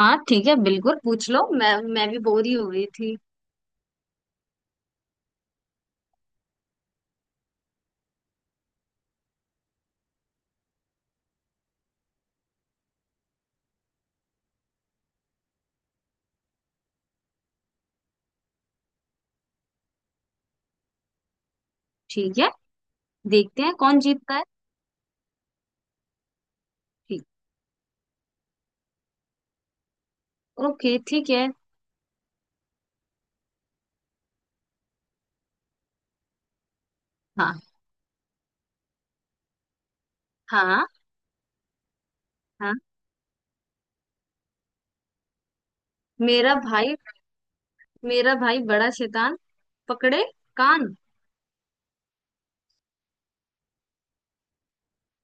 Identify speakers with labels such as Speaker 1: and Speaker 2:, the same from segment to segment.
Speaker 1: हाँ, ठीक है। बिल्कुल पूछ लो। मैं भी बोर ही हो रही थी। ठीक है, देखते हैं कौन जीतता है। ठीक। ओके, ठीक है। हाँ। हाँ। हाँ, मेरा भाई मेरा भाई बड़ा शैतान, पकड़े कान।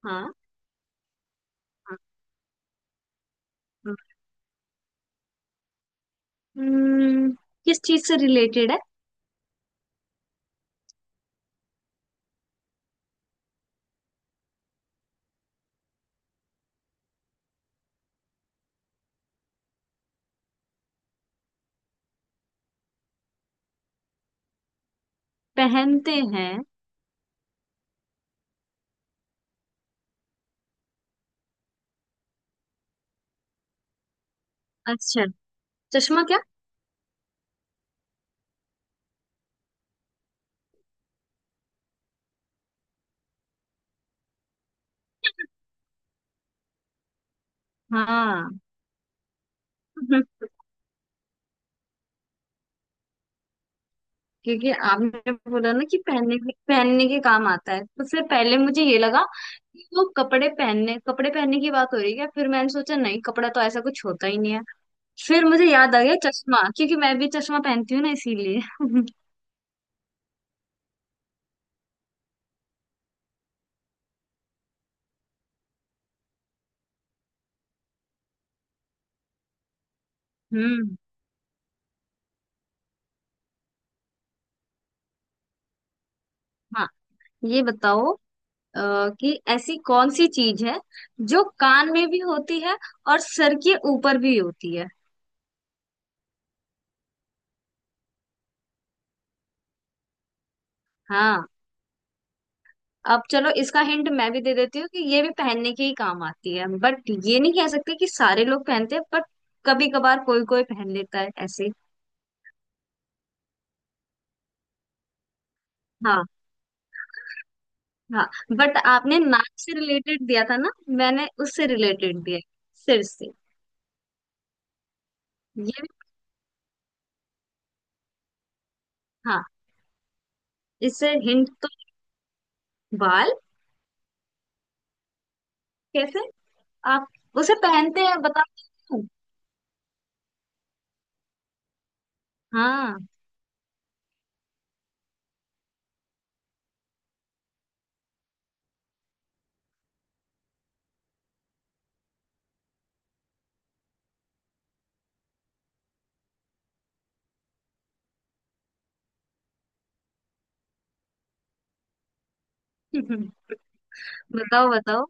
Speaker 1: हाँ। हाँ। हाँ। हम्म, किस चीज से रिलेटेड है? पहनते हैं? अच्छा, चश्मा क्या? हाँ। क्योंकि आपने बोला ना कि पहनने के काम आता है, तो फिर पहले मुझे ये लगा कि वो कपड़े पहनने की बात हो रही है क्या। फिर मैंने सोचा, नहीं, कपड़ा तो ऐसा कुछ होता ही नहीं है। फिर मुझे याद आ गया चश्मा, क्योंकि मैं भी चश्मा पहनती हूँ ना, इसीलिए। हम्म। हाँ, ये बताओ अ, कि ऐसी कौन सी चीज है जो कान में भी होती है और सर के ऊपर भी होती है। हाँ, अब चलो, इसका हिंट मैं भी दे देती हूँ कि ये भी पहनने के ही काम आती है, बट ये नहीं कह सकते कि सारे लोग पहनते हैं। बट कभी कभार कोई कोई पहन लेता है ऐसे। हाँ। हाँ, बट आपने नाक से रिलेटेड दिया था ना, मैंने उससे रिलेटेड दिया है, सिर से। ये भी। हाँ, इससे हिंट तो बाल कैसे? आप उसे पहनते हैं, बताओ। हाँ। बताओ, बताओ।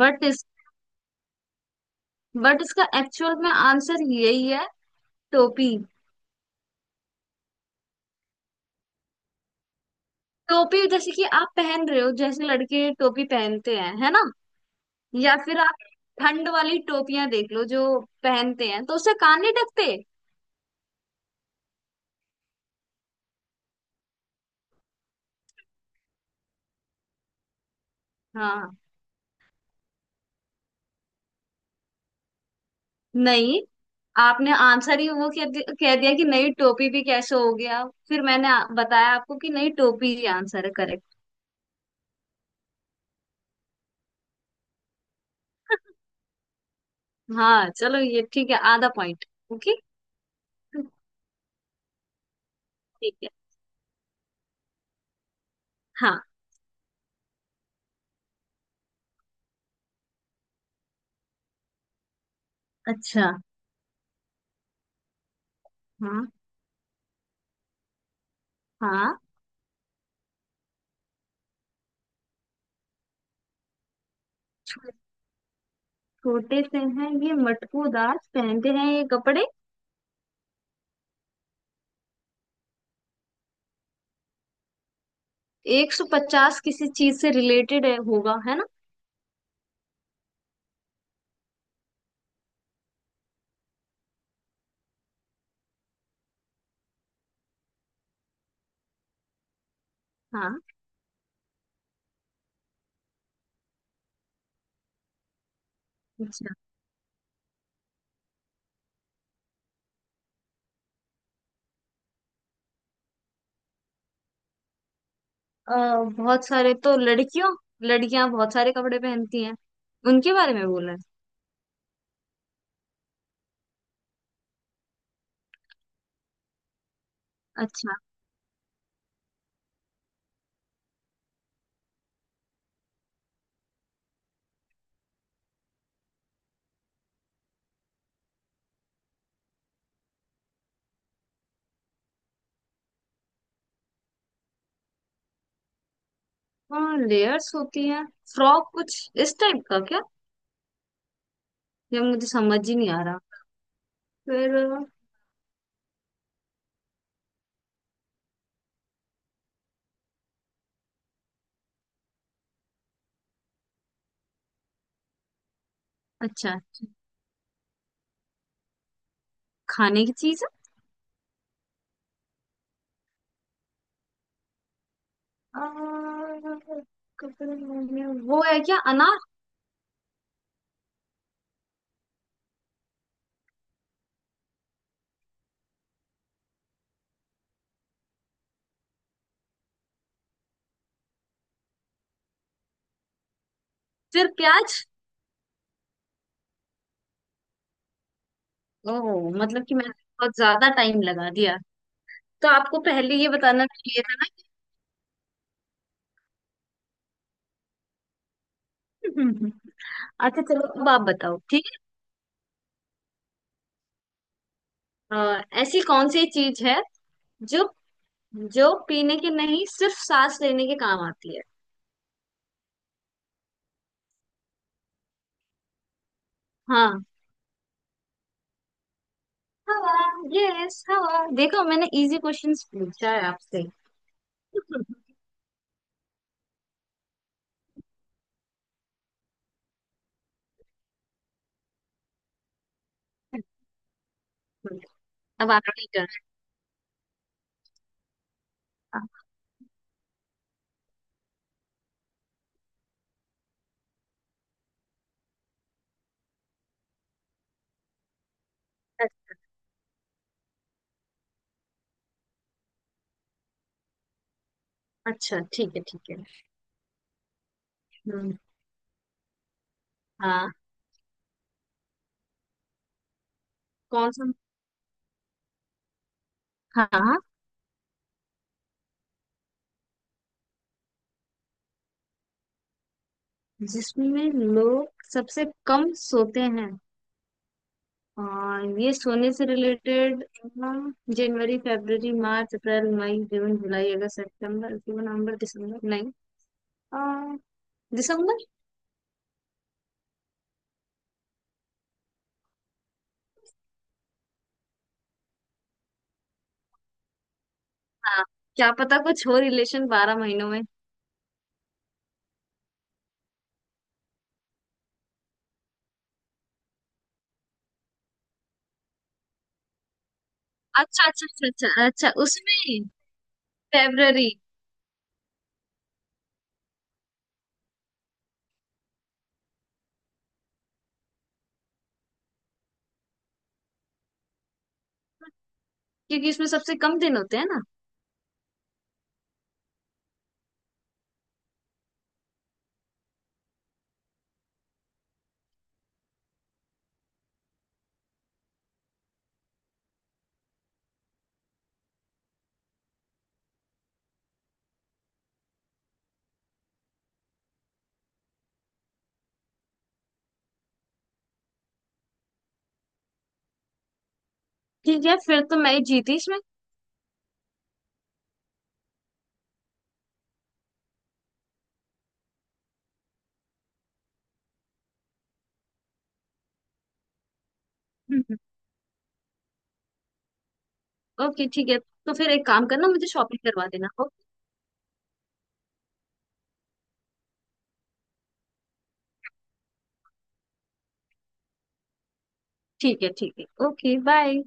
Speaker 1: बट इस बट इसका एक्चुअल में आंसर यही है, टोपी। टोपी जैसे कि आप पहन रहे हो, जैसे लड़के टोपी पहनते हैं, है ना। या फिर आप ठंड वाली टोपियां देख लो जो पहनते हैं, तो उससे कान नहीं ढकते। हाँ। नहीं, आपने आंसर ही वो कह दिया कि नई टोपी भी कैसे हो गया। फिर मैंने बताया आपको कि नई टोपी ही आंसर है, करेक्ट। हाँ चलो, ये ठीक है, आधा पॉइंट। ओके, ठीक है। हाँ। अच्छा। हाँ। हाँ। छो- छोटे से हैं ये मटकूदार, पहनते हैं ये कपड़े। 150 किसी चीज से रिलेटेड है होगा, है ना। हाँ। अच्छा। बहुत सारे तो लड़कियों, लड़कियां बहुत सारे कपड़े पहनती हैं, उनके बारे में बोल रहे हैं। अच्छा। हाँ, लेयर्स होती हैं। फ्रॉक कुछ इस टाइप का क्या? ये मुझे समझ ही नहीं आ रहा। फिर? अच्छा, खाने की चीज है। अ, कपड़े में वो है क्या, अनार? फिर प्याज? ओह, मतलब कि मैंने बहुत ज्यादा टाइम लगा दिया। तो आपको पहले ये बताना चाहिए था ना। अच्छा चलो, अब आप बताओ। ठीक है ऐसी कौन सी चीज है जो जो पीने की नहीं, सिर्फ सांस लेने के काम आती है। हाँ। हवा? यस, हवा। देखो, मैंने इजी क्वेश्चंस पूछा है आपसे। अब आपकी टर्न। अच्छा, ठीक है, ठीक है। हम्म। हाँ। कौन सा? हाँ, जिसमें लोग सबसे कम सोते हैं? हाँ, ये सोने से रिलेटेड। जनवरी, फरवरी, मार्च, अप्रैल, मई, जून, जुलाई, अगस्त, सितंबर, अक्टूबर, नवंबर, दिसंबर। नहीं। आ, दिसंबर? हाँ, क्या पता कुछ हो रिलेशन 12 महीनों में। अच्छा अच्छा अच्छा अच्छा अच्छा, उसमें फरवरी। क्योंकि इसमें सबसे कम दिन होते हैं ना। ठीक है, फिर तो मैं ही जीती इसमें। हम्म। ओके ठीक है, तो फिर एक काम करना, मुझे शॉपिंग करवा देना। ओके। ठीक है, ठीक है। Okay, bye.